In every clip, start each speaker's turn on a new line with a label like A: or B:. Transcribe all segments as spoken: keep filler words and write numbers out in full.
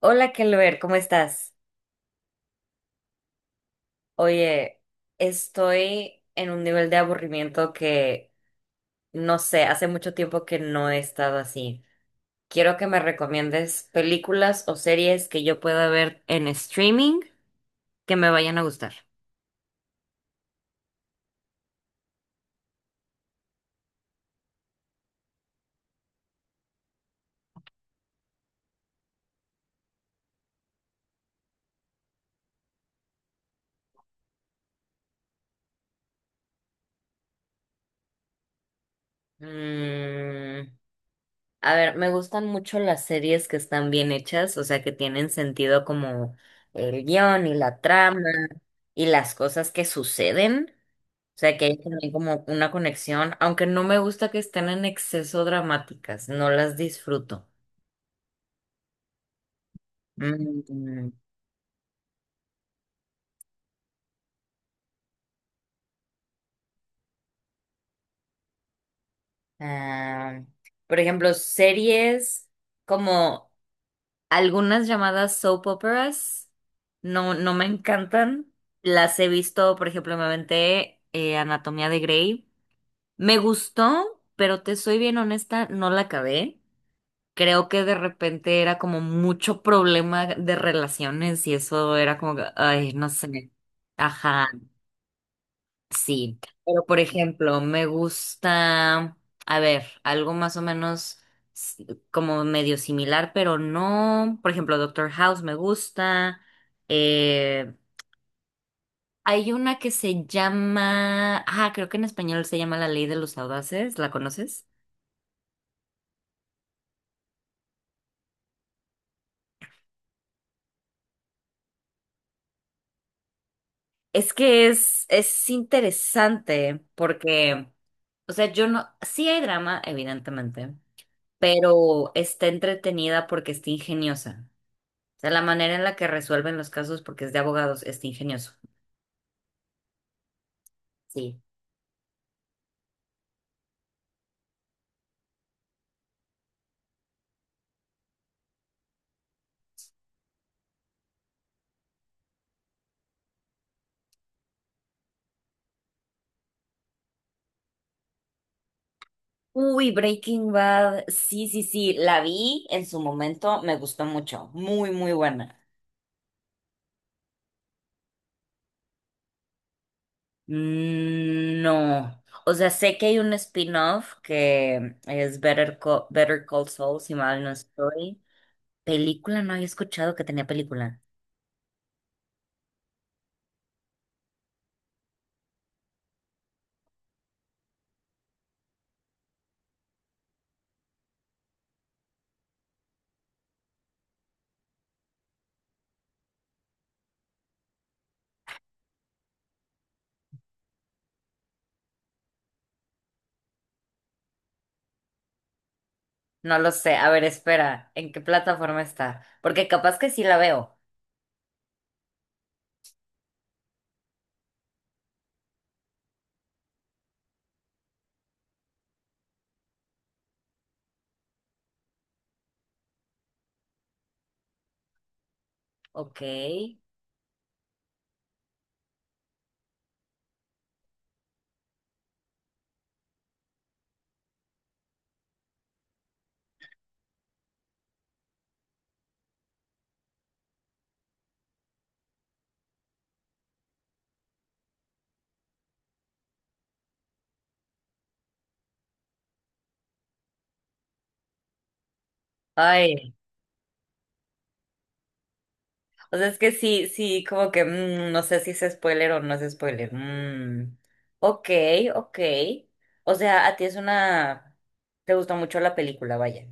A: Hola, Kelber, ¿cómo estás? Oye, estoy en un nivel de aburrimiento que no sé, hace mucho tiempo que no he estado así. Quiero que me recomiendes películas o series que yo pueda ver en streaming que me vayan a gustar. Mm, a ver, me gustan mucho las series que están bien hechas, o sea, que tienen sentido como el guión y la trama y las cosas que suceden. O sea, que hay también como una conexión, aunque no me gusta que estén en exceso dramáticas, no las disfruto. Mm, ah, por ejemplo, series como algunas llamadas soap operas, no, no me encantan. Las he visto, por ejemplo, me aventé eh, Anatomía de Grey. Me gustó, pero te soy bien honesta, no la acabé. Creo que de repente era como mucho problema de relaciones y eso era como que, ay, no sé. Ajá, sí. Pero por ejemplo, me gusta, a ver, algo más o menos s- como medio similar, pero no. Por ejemplo, Doctor House me gusta. Eh, Hay una que se llama, ah, creo que en español se llama La Ley de los Audaces, ¿la conoces? Es que es, es interesante porque, o sea, yo no, sí hay drama, evidentemente, pero está entretenida porque está ingeniosa. O sea, la manera en la que resuelven los casos porque es de abogados está ingenioso. Sí. Uy, Breaking Bad. Sí, sí, sí, la vi en su momento, me gustó mucho. Muy, muy buena. Mm, no. O sea, sé que hay un spin-off que es Better Call, Better Call Saul, si mal no estoy. Película, no había escuchado que tenía película. No lo sé. A ver, espera. ¿En qué plataforma está? Porque capaz que sí la veo. Ok. Ay, o sea, es que sí, sí, como que mm, no sé si es spoiler o no es spoiler. Mm. Ok, ok. O sea, a ti es una... Te gustó mucho la película, vaya.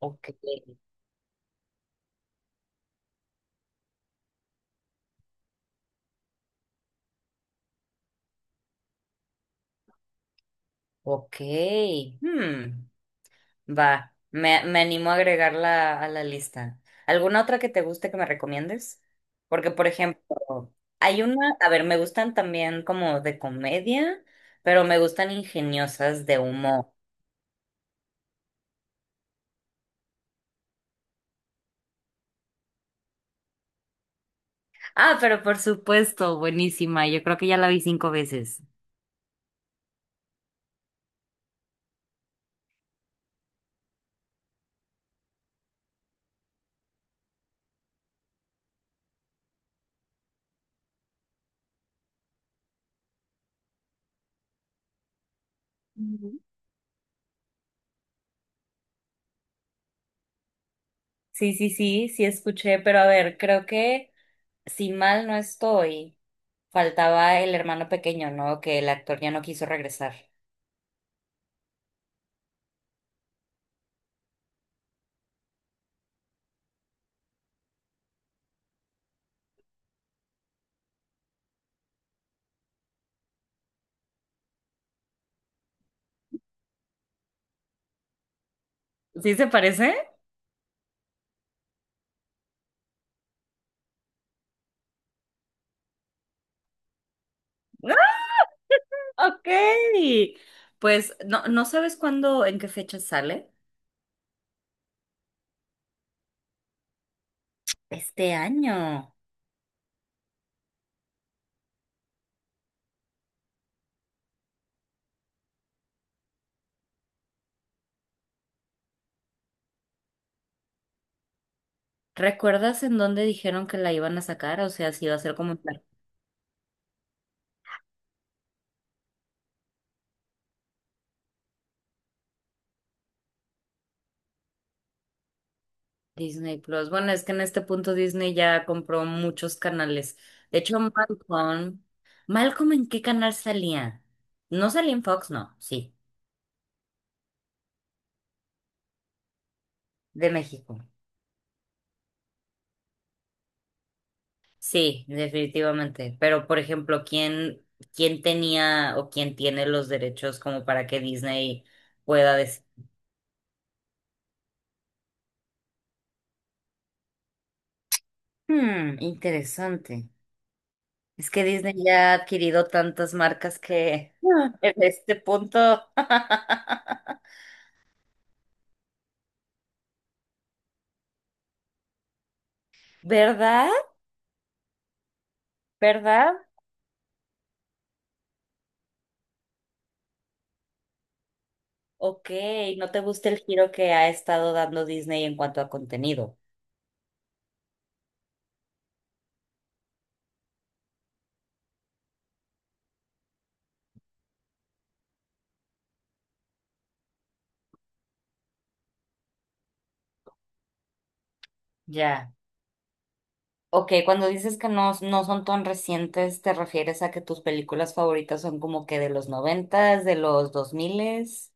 A: Ok, ok. Hmm. Va, me, me animo a agregarla a la lista. ¿Alguna otra que te guste que me recomiendes? Porque, por ejemplo, hay una, a ver, me gustan también como de comedia, pero me gustan ingeniosas de humor. Ah, pero por supuesto, buenísima. Yo creo que ya la vi cinco veces. Sí, sí, sí, sí escuché, pero a ver, creo que si mal no estoy, faltaba el hermano pequeño, ¿no? Que el actor ya no quiso regresar. ¿Sí se parece? Ok. Pues no, no sabes cuándo, en qué fecha sale. Este año. ¿Recuerdas en dónde dijeron que la iban a sacar? O sea, si iba a ser como en plan Disney Plus. Bueno, es que en este punto Disney ya compró muchos canales. De hecho, Malcolm. ¿Malcolm en qué canal salía? No salía en Fox, no, sí. De México. Sí, definitivamente. Pero, por ejemplo, ¿quién, ¿quién tenía o quién tiene los derechos como para que Disney pueda decir? Hmm, interesante. Es que Disney ya ha adquirido tantas marcas que en este punto, ¿verdad? ¿Verdad? Ok, no te gusta el giro que ha estado dando Disney en cuanto a contenido. Ya. Ok, cuando dices que no, no son tan recientes, ¿te refieres a que tus películas favoritas son como que de los noventas, de los dos miles?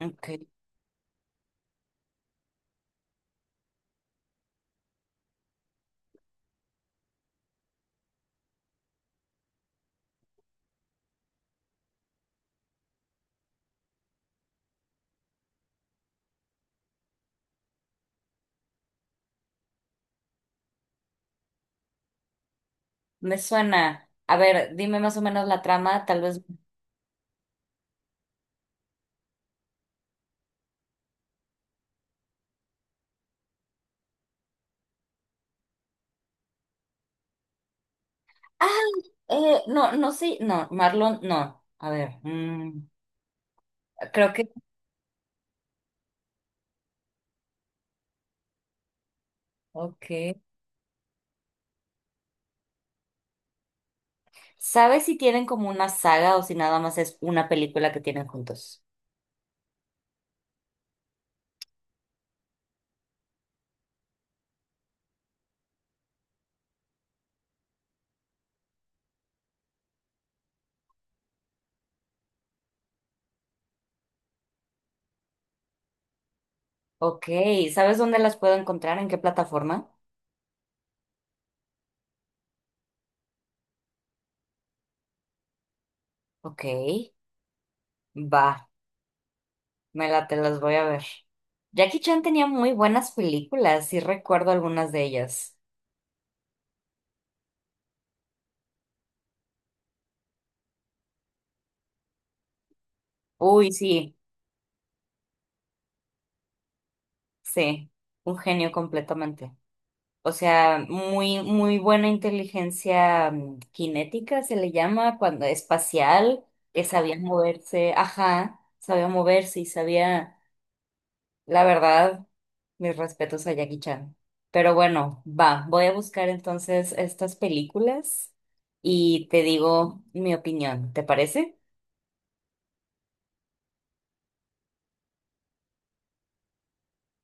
A: Ok, me suena. A ver, dime más o menos la trama, tal vez ah, eh, no, no, sé, no, Marlon, no. A ver, mm, creo que, ok. ¿Sabes si tienen como una saga o si nada más es una película que tienen juntos? Ok, ¿sabes dónde las puedo encontrar? ¿En qué plataforma? Ok, va, me la las voy a ver. Jackie Chan tenía muy buenas películas, sí recuerdo algunas de ellas. Uy, sí, sí, un genio completamente. O sea, muy, muy buena inteligencia mm, cinética se le llama cuando espacial, que sabía moverse, ajá, sabía moverse y sabía, la verdad, mis respetos a Jackie Chan. Pero bueno, va, voy a buscar entonces estas películas y te digo mi opinión, ¿te parece?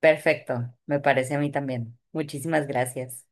A: Perfecto, me parece a mí también. Muchísimas gracias.